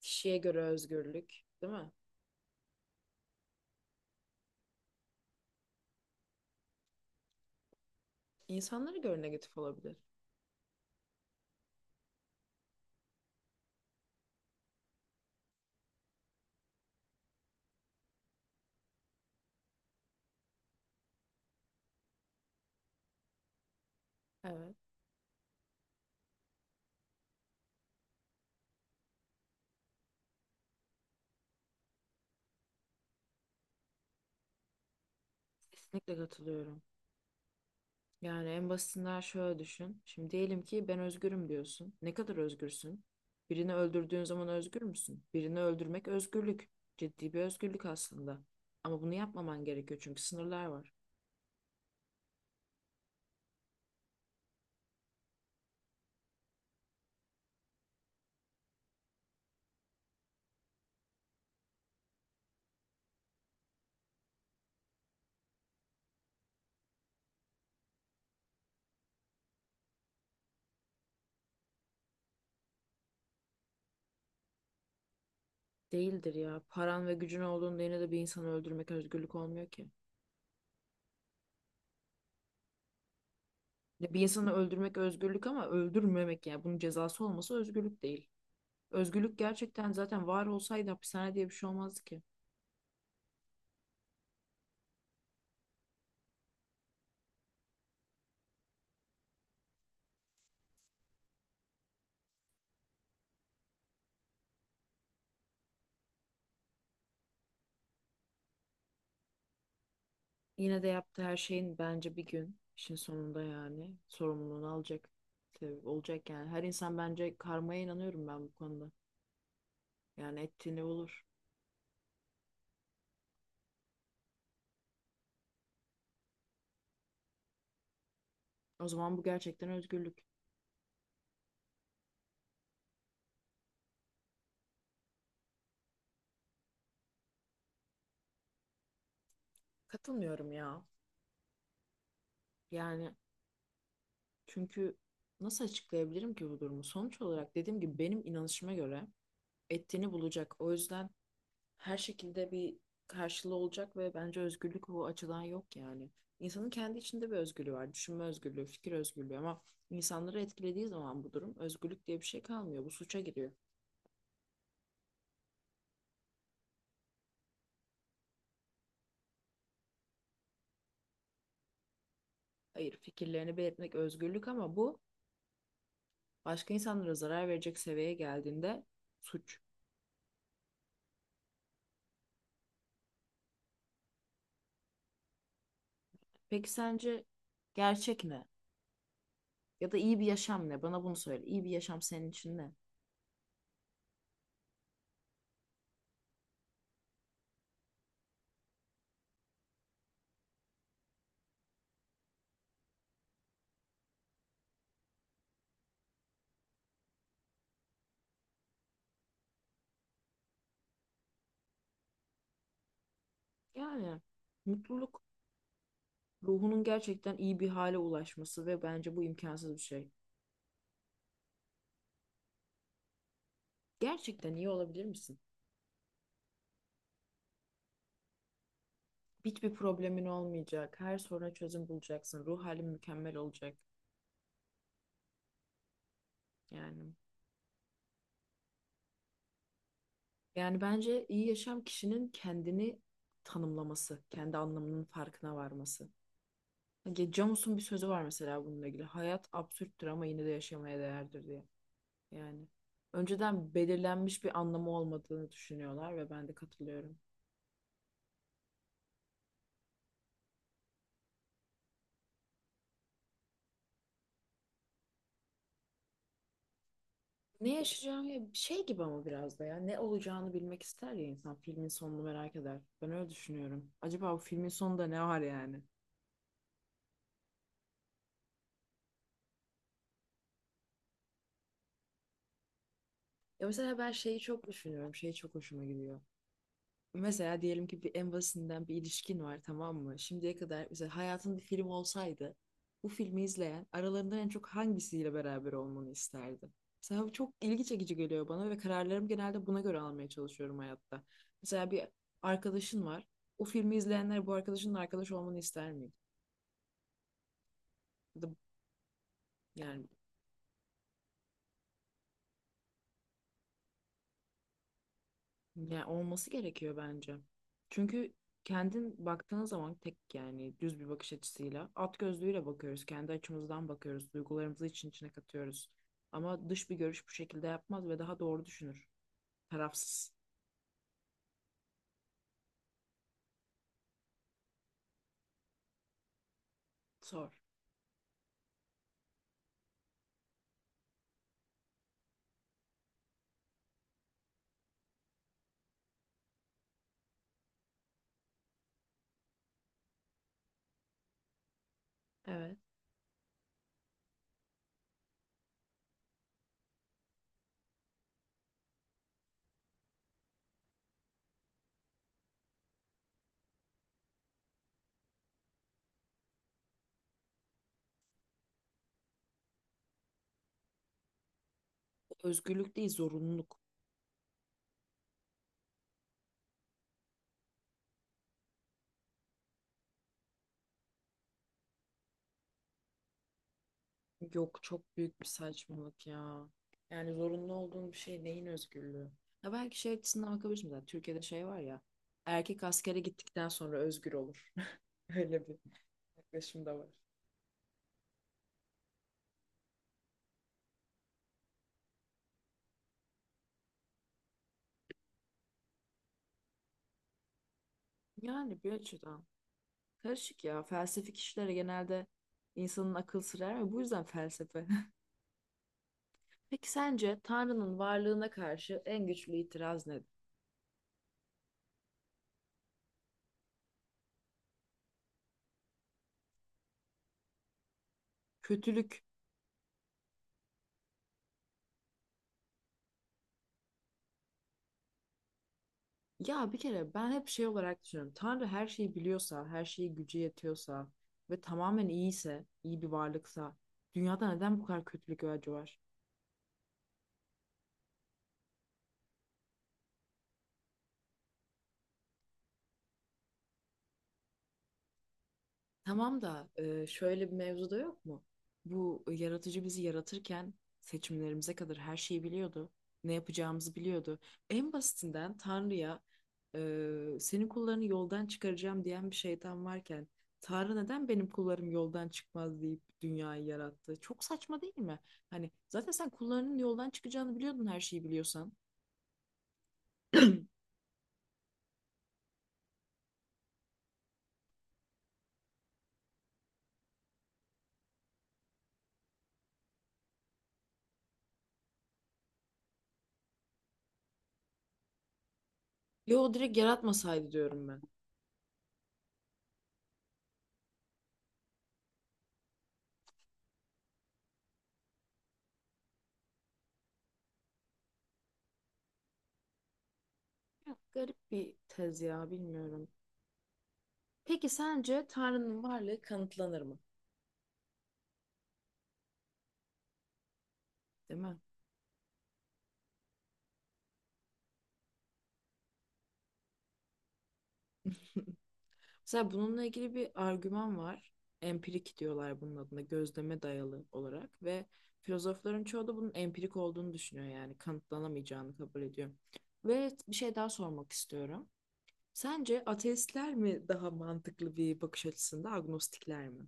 Kişiye göre özgürlük, değil mi? İnsanlara göre negatif olabilir. Evet, kesinlikle katılıyorum. Yani en basitinden şöyle düşün. Şimdi diyelim ki ben özgürüm diyorsun. Ne kadar özgürsün? Birini öldürdüğün zaman özgür müsün? Birini öldürmek özgürlük. Ciddi bir özgürlük aslında. Ama bunu yapmaman gerekiyor çünkü sınırlar var. Değildir ya. Paran ve gücün olduğunda yine de bir insanı öldürmek özgürlük olmuyor ki. Ya bir insanı öldürmek özgürlük ama öldürmemek yani bunun cezası olması özgürlük değil. Özgürlük gerçekten zaten var olsaydı hapishane diye bir şey olmazdı ki. Yine de yaptığı her şeyin bence bir gün işin sonunda yani sorumluluğunu alacak. Tabii olacak yani. Her insan bence karmaya inanıyorum ben bu konuda. Yani ettiğini olur. O zaman bu gerçekten özgürlük. Katılmıyorum ya. Yani çünkü nasıl açıklayabilirim ki bu durumu? Sonuç olarak dediğim gibi benim inanışıma göre ettiğini bulacak. O yüzden her şekilde bir karşılığı olacak ve bence özgürlük bu açıdan yok yani. İnsanın kendi içinde bir özgürlüğü var. Düşünme özgürlüğü, fikir özgürlüğü ama insanları etkilediği zaman bu durum özgürlük diye bir şey kalmıyor. Bu suça giriyor. Hayır, fikirlerini belirtmek özgürlük ama bu başka insanlara zarar verecek seviyeye geldiğinde suç. Peki sence gerçek ne? Ya da iyi bir yaşam ne? Bana bunu söyle. İyi bir yaşam senin için ne? Yani mutluluk, ruhunun gerçekten iyi bir hale ulaşması ve bence bu imkansız bir şey. Gerçekten iyi olabilir misin? Hiçbir problemin olmayacak. Her soruna çözüm bulacaksın. Ruh halin mükemmel olacak. Yani yani bence iyi yaşam kişinin kendini tanımlaması, kendi anlamının farkına varması. Ya Camus'un bir sözü var mesela bununla ilgili. Hayat absürttür ama yine de yaşamaya değerdir diye. Yani önceden belirlenmiş bir anlamı olmadığını düşünüyorlar ve ben de katılıyorum. Şey gibi ama biraz da ya ne olacağını bilmek ister ya insan filmin sonunu merak eder. Ben öyle düşünüyorum. Acaba bu filmin sonunda ne var yani? Ya mesela ben şeyi çok düşünüyorum. Şey çok hoşuma gidiyor. Mesela diyelim ki bir en basitinden bir ilişkin var, tamam mı? Şimdiye kadar mesela hayatın bir film olsaydı bu filmi izleyen aralarından en çok hangisiyle beraber olmanı isterdi? Mesela bu çok ilgi çekici geliyor bana ve kararlarımı genelde buna göre almaya çalışıyorum hayatta. Mesela bir arkadaşın var. O filmi izleyenler bu arkadaşının arkadaş olmanı ister miydi? Ya da Yani Ya olması gerekiyor bence. Çünkü kendin baktığın zaman tek yani düz bir bakış açısıyla at gözlüğüyle bakıyoruz. Kendi açımızdan bakıyoruz. Duygularımızı için içine katıyoruz. Ama dış bir görüş bu şekilde yapmaz ve daha doğru düşünür. Tarafsız. Sor. Evet. Özgürlük değil, zorunluluk. Yok, çok büyük bir saçmalık ya. Yani zorunlu olduğun bir şey neyin özgürlüğü? Ya belki şey açısından bakabilirsin zaten. Türkiye'de şey var ya. Erkek askere gittikten sonra özgür olur. Öyle bir yaklaşım da var. Yani bir açıdan. Karışık ya. Felsefik işlere genelde insanın akıl sırar ve bu yüzden felsefe. Peki sence Tanrı'nın varlığına karşı en güçlü itiraz nedir? Kötülük. Ya bir kere ben hep şey olarak düşünüyorum. Tanrı her şeyi biliyorsa, her şeyi gücü yetiyorsa ve tamamen iyiyse, iyi bir varlıksa dünyada neden bu kadar kötülük ve acı var? Tamam da şöyle bir mevzu da yok mu? Bu yaratıcı bizi yaratırken seçimlerimize kadar her şeyi biliyordu. Ne yapacağımızı biliyordu. En basitinden Tanrı'ya senin kullarını yoldan çıkaracağım diyen bir şeytan varken Tanrı neden benim kullarım yoldan çıkmaz deyip dünyayı yarattı? Çok saçma değil mi? Hani zaten sen kullarının yoldan çıkacağını biliyordun her şeyi biliyorsan. Yo, direkt yaratmasaydı diyorum ben. Ya, garip bir tez ya bilmiyorum. Peki sence Tanrı'nın varlığı kanıtlanır mı? Değil mi? Mesela bununla ilgili bir argüman var. Empirik diyorlar bunun adına, gözleme dayalı olarak ve filozofların çoğu da bunun empirik olduğunu düşünüyor yani kanıtlanamayacağını kabul ediyor. Ve bir şey daha sormak istiyorum. Sence ateistler mi daha mantıklı bir bakış açısında, agnostikler mi?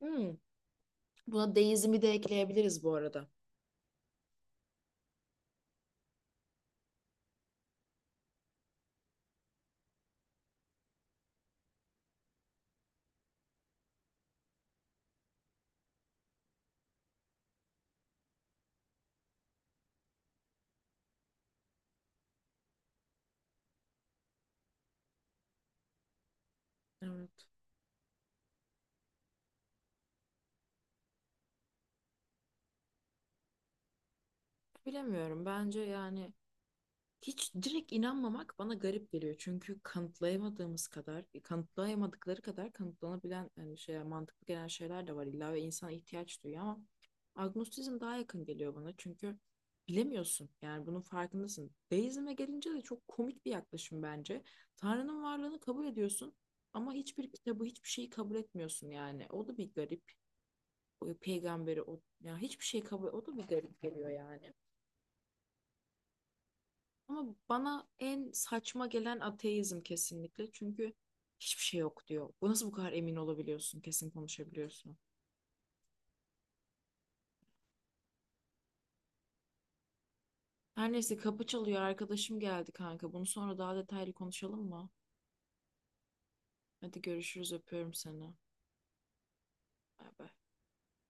Hmm. Buna deizmi de ekleyebiliriz bu arada. Evet. Bilemiyorum. Bence yani hiç direkt inanmamak bana garip geliyor. Çünkü kanıtlayamadığımız kadar, kanıtlayamadıkları kadar kanıtlanabilen yani şey, mantıklı gelen şeyler de var illa ve insan ihtiyaç duyuyor ama agnostizm daha yakın geliyor bana. Çünkü bilemiyorsun. Yani bunun farkındasın. Deizme gelince de çok komik bir yaklaşım bence. Tanrı'nın varlığını kabul ediyorsun ama hiçbir kitabı, hiçbir şeyi kabul etmiyorsun yani. O da bir garip. O peygamberi, o, yani hiçbir şey kabul, o da bir garip geliyor yani. Ama bana en saçma gelen ateizm kesinlikle. Çünkü hiçbir şey yok diyor. Bu nasıl bu kadar emin olabiliyorsun? Kesin konuşabiliyorsun. Her neyse, kapı çalıyor. Arkadaşım geldi kanka. Bunu sonra daha detaylı konuşalım mı? Hadi görüşürüz. Öpüyorum seni. Bay bay.